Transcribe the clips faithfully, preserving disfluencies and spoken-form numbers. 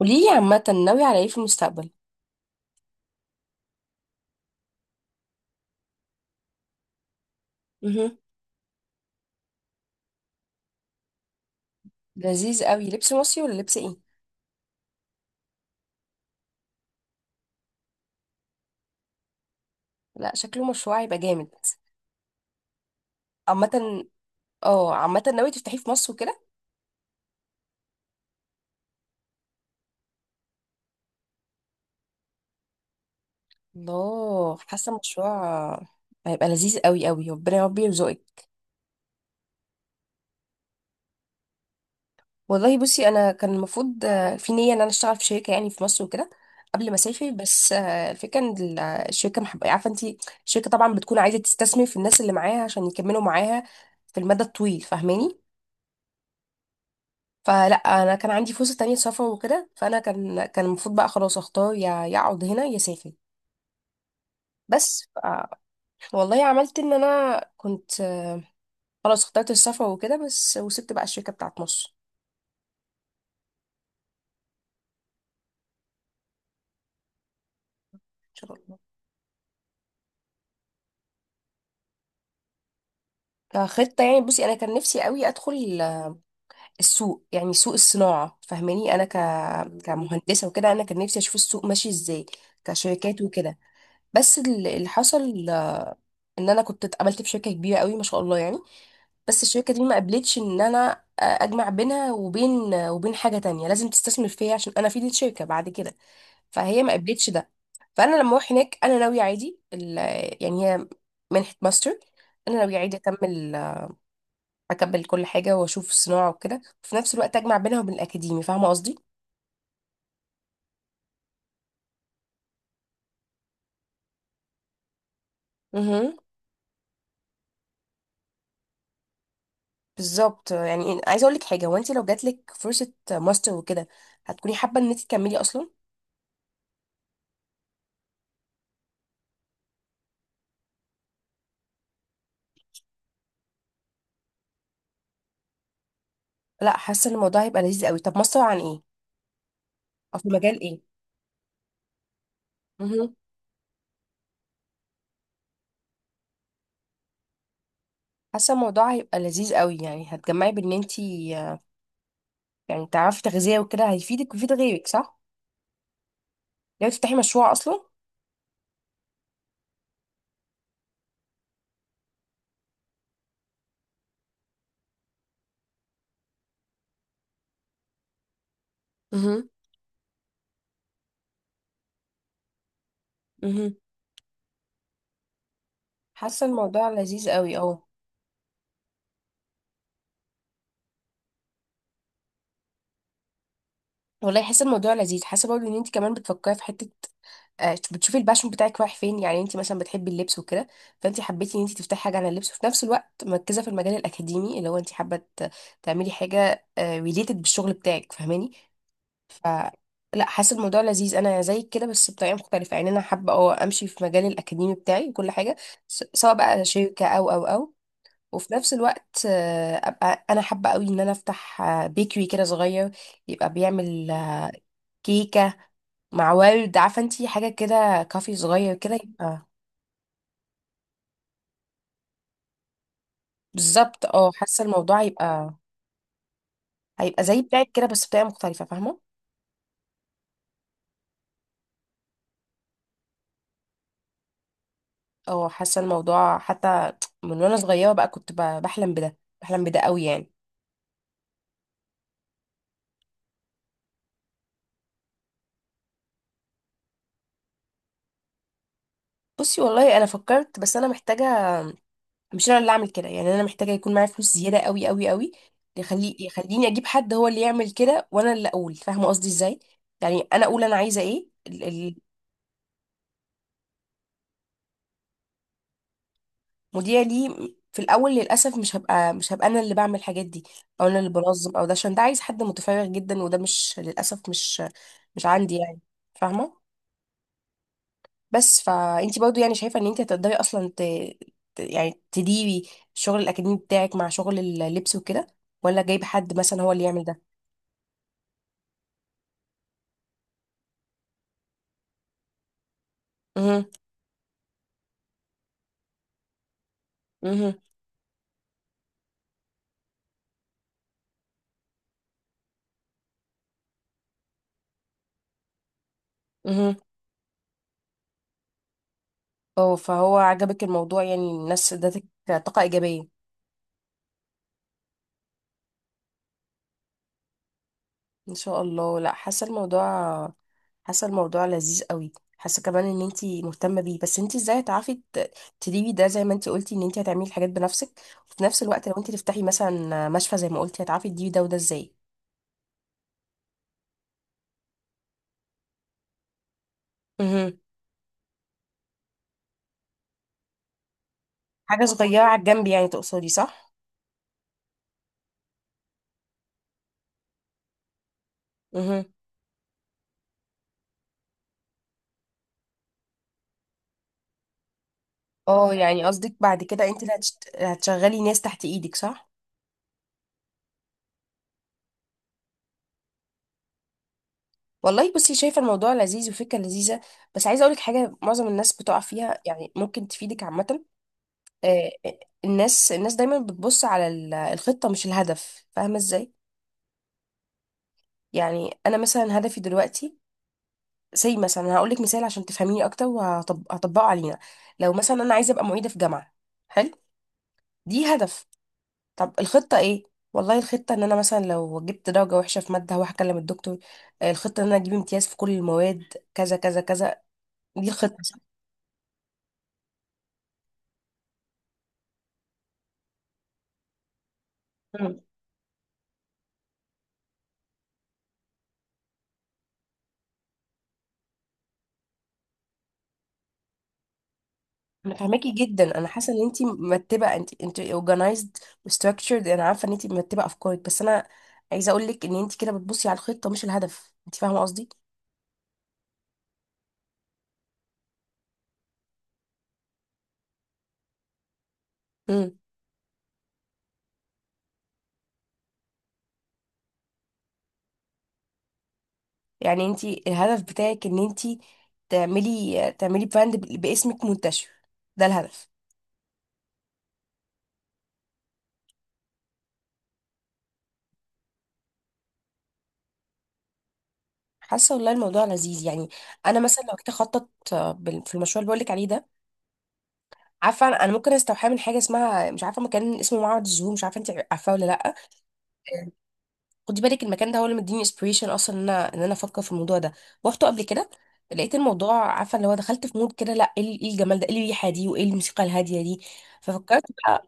قوليلي عامة ناوية على ايه في المستقبل؟ مهم. لذيذ قوي، لبس مصري ولا لبس ايه؟ لا شكله مشروع هيبقى جامد. عامة، اه عامة ناوية تفتحيه في مصر وكده. الله، حاسة المشروع هيبقى لذيذ قوي قوي، ربنا يا رب يرزقك. والله بصي، انا كان المفروض آه، في نية ان انا اشتغل في شركة يعني في مصر وكده قبل ما اسافر. بس آه، الفكرة ان ال- آه، الشركة محب... عارفة انتي. الشركة طبعا بتكون عايزة تستثمر في الناس اللي معاها عشان يكملوا معاها في المدى الطويل، فاهماني. فلا انا كان عندي فرصه تانية سفر وكده، فانا كان كان المفروض بقى خلاص اختار، يا يا اقعد هنا يا اسافر. بس ف- والله عملت ان انا كنت آه، خلاص اخترت السفر وكده، بس وسبت بقى الشركه بتاعت مصر. ان شاء الله. كخطه يعني بصي، انا كان نفسي قوي ادخل آه، السوق، يعني سوق الصناعه، فاهماني، انا ك كمهندسه وكده. انا كان نفسي اشوف السوق ماشي ازاي كشركات وكده. بس ال- اللي حصل آه، ان انا كنت اتقابلت في شركه كبيره قوي ما شاء الله يعني. بس الشركة دي ما قبلتش ان انا اجمع بينها وبين وبين حاجة تانية، لازم تستثمر فيا عشان انا افيد الشركة بعد كده، فهي ما قبلتش ده. فانا لما اروح هناك انا ناوية عادي ال- يعني هي منحة ماستر، انا ناوية عادي اكمل. اكمل كل حاجة واشوف الصناعة وكده، وفي نفس الوقت اجمع بينها وبين الاكاديمي، فاهمة قصدي؟ امم، بالظبط. يعني عايزة اقول لك حاجة، هو انت لو جاتلك فرصة ماستر وكده هتكوني حابة ان انت تكملي اصلا؟ لا حاسة ان الموضوع هيبقى لذيذ قوي. طب ماستر عن ايه؟ او في مجال ايه؟ حاسه الموضوع هيبقى لذيذ قوي. يعني هتجمعي بان انتي آه، يعني تعرفي تغذيه وكده، هيفيدك ويفيد غيرك، صح؟ لو تفتحي مشروع اصلا. مهم. امم. حاسه الموضوع لذيذ قوي، اه. والله حاسه الموضوع لذيذ. حاسه برضه ان انت كمان بتفكري في حته، آه، بتشوفي الباشون بتاعك رايح فين. يعني انت مثلا بتحبي اللبس وكده، فانت حبيتي ان انت تفتحي حاجه عن اللبس، وفي نفس الوقت مركزه في المجال الاكاديمي اللي هو انت حابه ت- تعملي حاجه ريليتد بالشغل بتاعك، فاهماني. ف لا حاسه الموضوع لذيذ. انا زيك كده بس بطريقه مختلفه. يعني انا حابه اه امشي في مجال الاكاديمي بتاعي وكل حاجه، س- سواء بقى شركه او او او، وفي نفس الوقت آه، ابقى انا حابه قوي ان انا افتح آه، بيكري كده صغير، يبقى بيعمل آه، كيكه مع ورد. عارفه انتي، حاجه كده كافي صغير كده يبقى. بالظبط، اه. حاسه الموضوع هيبقى هيبقى زي بتاعك كده بس بطريقه مختلفه، فاهمه. اه حاسه الموضوع حتى من وانا صغيره بقى، كنت ب- بحلم بده بحلم بده قوي يعني. بصي والله انا فكرت، بس انا محتاجه، مش انا اللي اعمل كده يعني. انا محتاجه يكون معايا فلوس زياده قوي قوي قوي، يخلي يخليني اجيب حد هو اللي يعمل كده وانا اللي اقول، فاهمه قصدي ازاي؟ يعني انا اقول انا عايزه ايه. ال- المذيع لي في الاول. للاسف مش هبقى مش هبقى انا اللي بعمل الحاجات دي، او انا اللي بنظم او ده، عشان ده عايز حد متفرغ جدا، وده مش للاسف مش مش عندي يعني، فاهمه. بس فانت برضو يعني شايفة ان انت هتقدري اصلا ت... ت- يعني تديري الشغل الاكاديمي بتاعك مع شغل اللبس وكده، ولا جايب حد مثلا هو اللي يعمل ده؟ امم. امم. امم. اه فهو عجبك الموضوع، يعني الناس ادتك طاقة ايجابية. ان شاء الله. لا حاسة الموضوع حاسة الموضوع لذيذ قوي. حاسة كمان ان انت مهتمة بيه، بس انت ازاي هتعرفي ت- تديري ده زي ما انت قلتي ان انت هتعملي الحاجات بنفسك، وفي نفس الوقت لو انت تفتحي مثلا مشفى زي ما قلتي، هتعرفي تديري ده وده ازاي؟ حاجة صغيرة على الجنب يعني تقصدي، صح؟ مهم. اه يعني قصدك بعد كده انت اللي هتشت... هتشغلي ناس تحت ايدك، صح؟ والله بصي، شايفة الموضوع لذيذ وفكرة لذيذة. بس عايزة اقولك حاجة معظم الناس بتقع فيها، يعني ممكن تفيدك عامة. آه، الناس الناس دايما بتبص على ال- الخطة مش الهدف، فاهمة ازاي؟ يعني انا مثلا هدفي دلوقتي، زي مثلا هقولك مثال عشان تفهميني اكتر وهطبقه علينا، لو مثلا انا عايزة ابقى معيدة في جامعة، حلو؟ دي هدف. طب الخطة ايه؟ والله الخطة ان انا مثلا لو جبت درجة وحشة في مادة هروح اكلم الدكتور، آه، الخطة ان انا اجيب امتياز في كل المواد، كذا كذا كذا. دي الخطة، صح؟ مم. انا فاهماكي جدا، انا حاسة ان انتي مرتبة، انت انت organized و structured. انا عارفة ان انتي مرتبة افكارك، بس انا عايزة اقول لك ان انتي كده بتبصي على الخطة مش الهدف، انت فاهمة قصدي؟ مم. يعني انتي الهدف بتاعك ان انتي تعملي تعملي براند باسمك منتشر، ده الهدف. حاسه والله الموضوع لذيذ يعني. انا مثلا لو كنت اخطط آه، بال- في المشروع اللي بقول لك عليه ده، عارفه انا أنا ممكن استوحاه من حاجه اسمها، مش عارفه، مكان اسمه معبد الزهور، مش عارفه انت عارفاه ولا لا. آه، خدي بالك المكان ده هو اللي مديني انسبيريشن اصلا ان انا ان انا افكر في الموضوع ده. روحته قبل كده، لقيت الموضوع، عارفه، اللي هو دخلت في مود كده، لا ايه ال- إيه الجمال ده، ايه الريحه دي، وايه الموسيقى الهاديه دي. ففكرت بقى.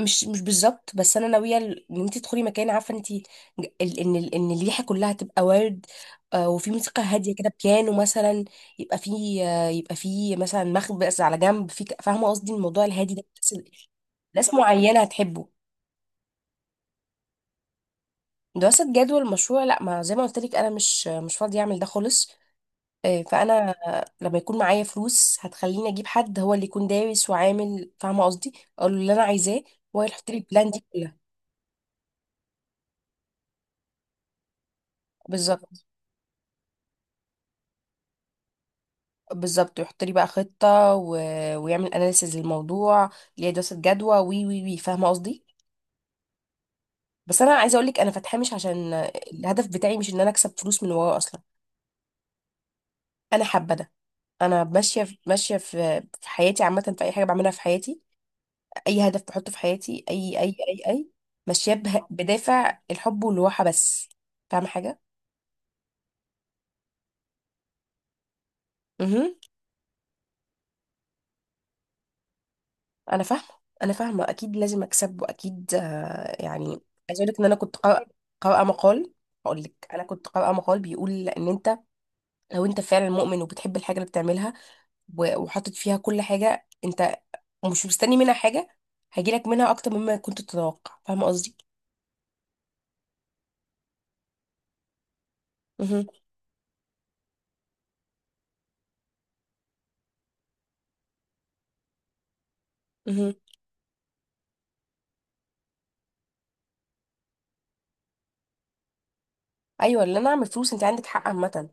مش مش بالظبط، بس انا ناويه ال- ان انت تدخلي مكان، عارفه انت ال- ان ال- ان الريحه كلها تبقى ورد، آه، وفي موسيقى هاديه كده بيانو مثلا، يبقى في آه، يبقى في مثلا مخبز على جنب في ك- فاهمه قصدي، الموضوع الهادي ده، بس ناس معينه هتحبه. دراسه جدوى المشروع لا، ما زي ما قلت لك انا مش مش فاضيه اعمل ده خالص. آه، فانا آه، لما يكون معايا فلوس هتخليني اجيب حد هو اللي يكون دارس وعامل، فاهمه قصدي، اقول له اللي انا عايزاه وهو يحط لي البلان دي كلها. بالظبط. بالظبط، ويحط لي بقى خطة و... ويعمل اناليسز للموضوع، ليه دراسة جدوى، وي وي وي فاهمة قصدي. بس انا عايزة اقول لك انا فاتحاه مش عشان الهدف بتاعي، مش ان انا اكسب فلوس من وراه اصلا. انا حابة ده، انا ماشية في... ماشية في... في حياتي عامة، في اي حاجة بعملها في حياتي، اي هدف بحطه في حياتي، اي اي اي اي ماشية به... بدافع الحب والراحة بس، فاهمة حاجة. انا فاهمه انا فاهمه، اكيد لازم اكسب واكيد آه، يعني. عايزه اقول لك ان انا كنت قارئه قارئة مقال. هقول لك انا كنت قارئه مقال بيقول ان انت لو انت فعلا مؤمن وبتحب الحاجه اللي بتعملها، و- وحاطط فيها كل حاجه، انت مش مستني منها حاجه، هيجيلك منها اكتر مما كنت تتوقع، فاهمه قصدي. مهم. مهم. ايوه اللي انا اعمل فلوس، انت عندك حق عامه،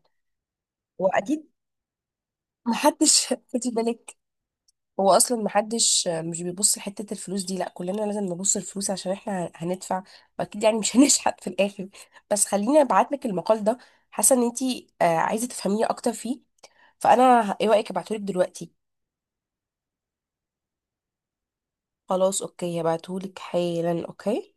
واكيد محدش خدي بالك، هو اصلا محدش، مش بيبص لحته الفلوس دي، لا كلنا لازم نبص الفلوس عشان احنا هندفع، واكيد يعني مش هنشحت في الاخر. بس خليني ابعت لك المقال ده، حاسه ان انتي آه، عايزه تفهميه اكتر فيه. فانا ه- ايه رايك ابعتهولك دلوقتي؟ خلاص اوكي، هبعتهولك حالا، اوكي.